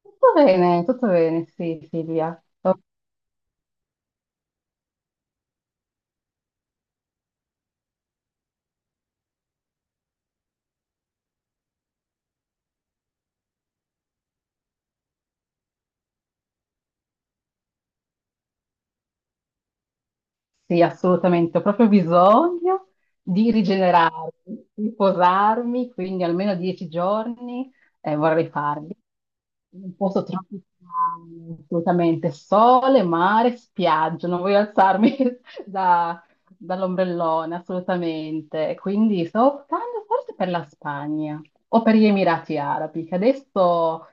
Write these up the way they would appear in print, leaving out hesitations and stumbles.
Tutto bene, sì, Silvia. Oh, Sì, assolutamente. Ho proprio bisogno di rigenerarmi, di posarmi, quindi almeno dieci giorni vorrei farli. In un posto tropicale, assolutamente. Sole, mare, spiaggia. Non voglio alzarmi da- dall'ombrellone, assolutamente. Quindi sto optando forse per la Spagna o per gli Emirati Arabi, che adesso...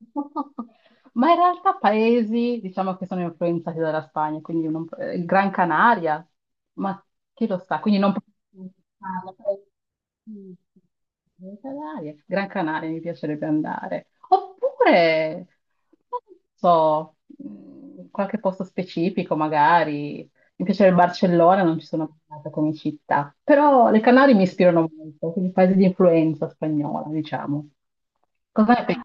Ma in realtà paesi, diciamo che sono influenzati dalla Spagna, quindi non, Gran Canaria, ma chi lo sa? Quindi non... Ah, paesi- Gran Canaria, Gran Canaria mi piacerebbe andare. Oppure, non so, qualche posto specifico magari. Mi piacerebbe Barcellona, non ci sono mai andata come città, però le Canarie mi ispirano molto, quindi paesi di influenza spagnola, diciamo. Cosa ne pensi?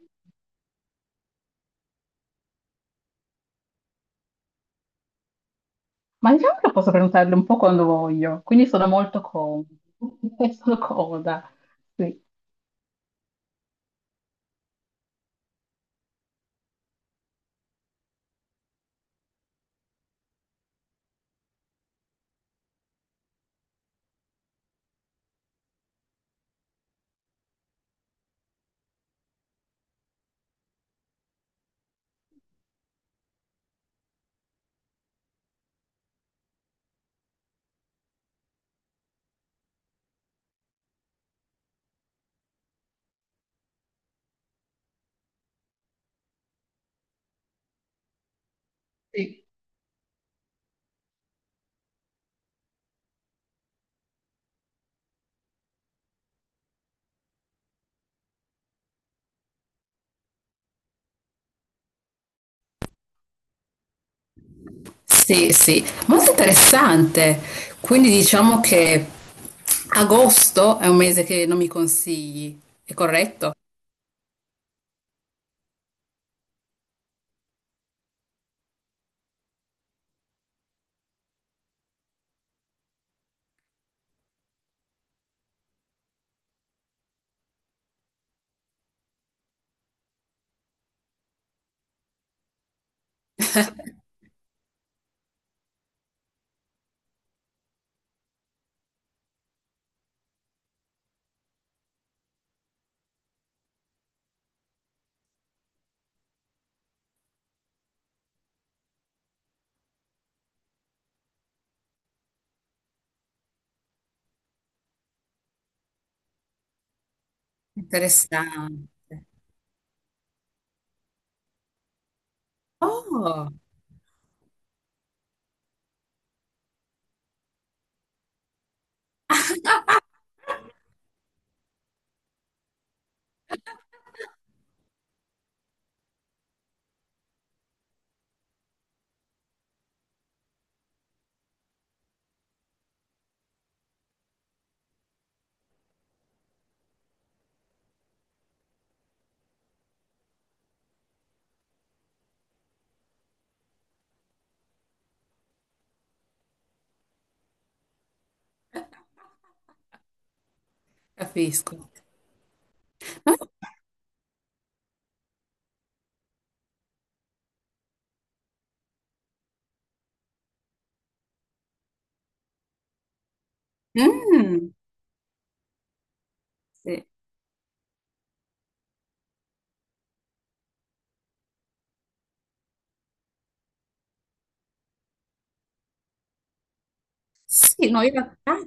Ma diciamo che posso prenotarle un po' quando voglio, quindi sono molto comoda. Sono comoda, sì. Sì, sì, sì, molto interessante. Quindi diciamo che agosto è un mese che non mi consigli, è corretto? Interessante. Oh. Capisco. Ma- mm, sì. Sì, no, in realtà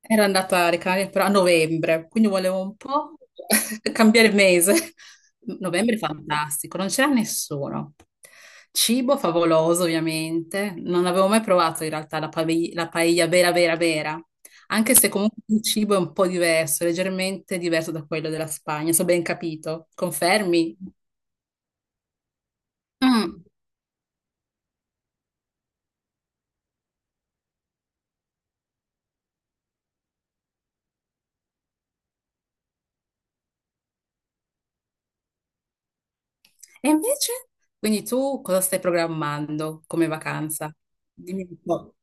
era andata alle Canarie però a novembre, quindi volevo un po' cambiare mese. Novembre è fantastico, non c'era nessuno. Cibo favoloso, ovviamente. Non avevo mai provato in realtà la, la paella vera, vera, vera. Anche se comunque il cibo è un po' diverso, leggermente diverso da quello della Spagna, se ho ben capito. Confermi? Mm. E invece? Quindi tu cosa stai programmando come vacanza? Dimmi un po'.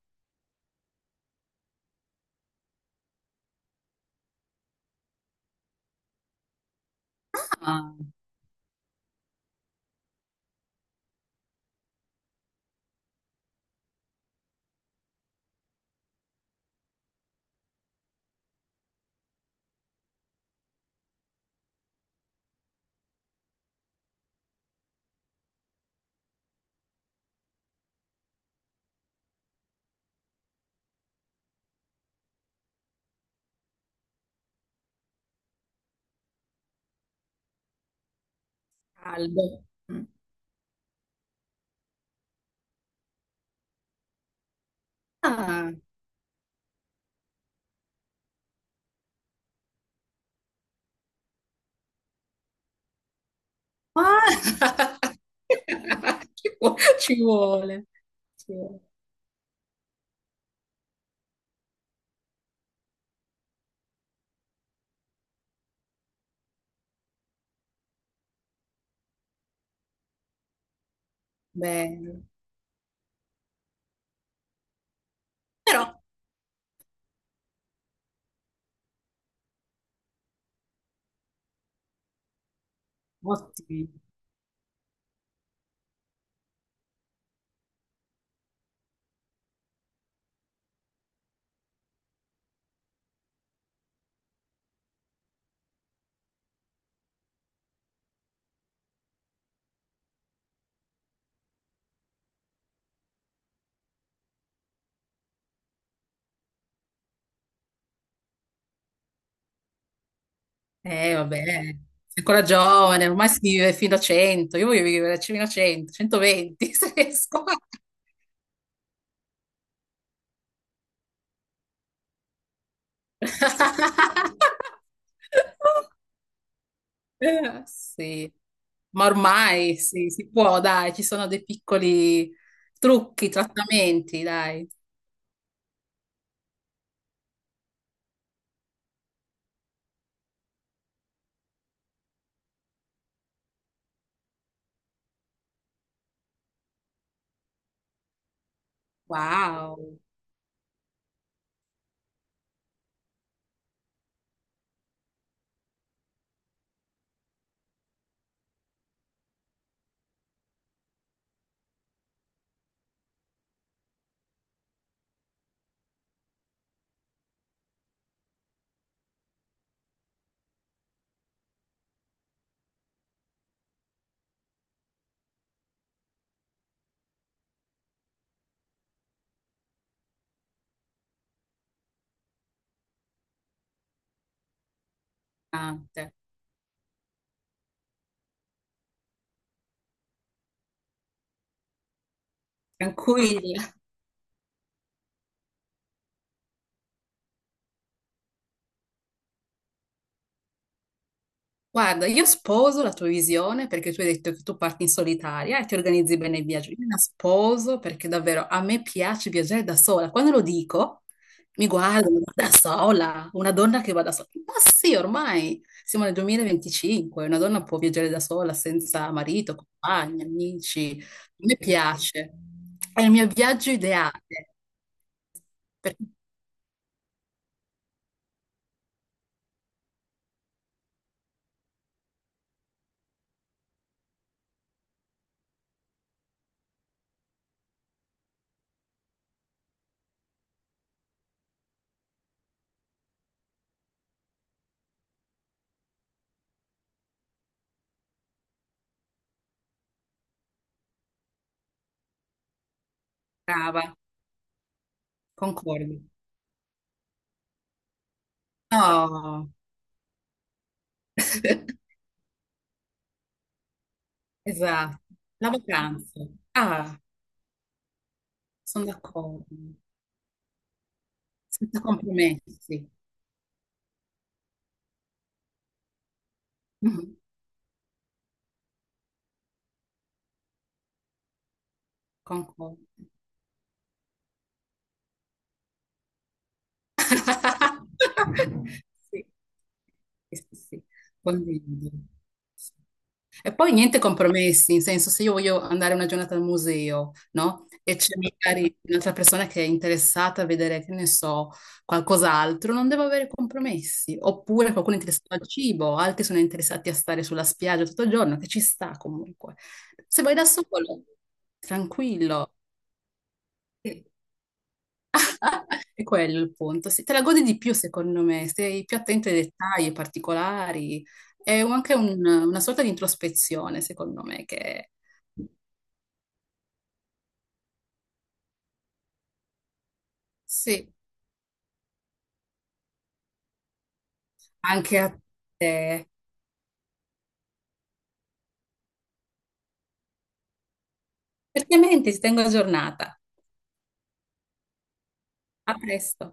Ah, caldo. Mm. Ah. Ah! Ci vuole, ci vuole. Bello. Però, ottimi. Vabbè, sei ancora giovane, ormai si vive fino a 100. Io voglio vivere fino a 100, 120, se riesco. Sì, ma ormai sì, si può, dai, ci sono dei piccoli trucchi, trattamenti, dai. Wow, tante. Tranquilli. Guarda, io sposo la tua visione perché tu hai detto che tu parti in solitaria e ti organizzi bene il viaggio. Io la sposo perché davvero a me piace viaggiare da sola. Quando lo dico, mi guardano da sola, una donna che va da sola. Ma sì, ormai siamo nel 2025, una donna può viaggiare da sola senza marito, compagni, amici. A me piace. È il mio viaggio ideale, perché brava, concordi. No, esatto, la vacanza. Ah, sono d'accordo, senza compromessi, mhm, concordo. Sì, sì, sì, sì, condivido. E poi niente compromessi, in senso se io voglio andare una giornata al museo, no? E c'è magari un'altra persona che è interessata a vedere, che ne so, qualcos'altro, non devo avere compromessi. Oppure qualcuno è interessato al cibo, altri sono interessati a stare sulla spiaggia tutto il giorno, che ci sta comunque. Se vai da solo, tranquillo. È quello il punto. Se te la godi di più, secondo me, sei più attento ai dettagli, ai particolari. È un- anche un- una sorta di introspezione, secondo me, che sì. Anche a te. Certamente ti tengo aggiornata. A presto.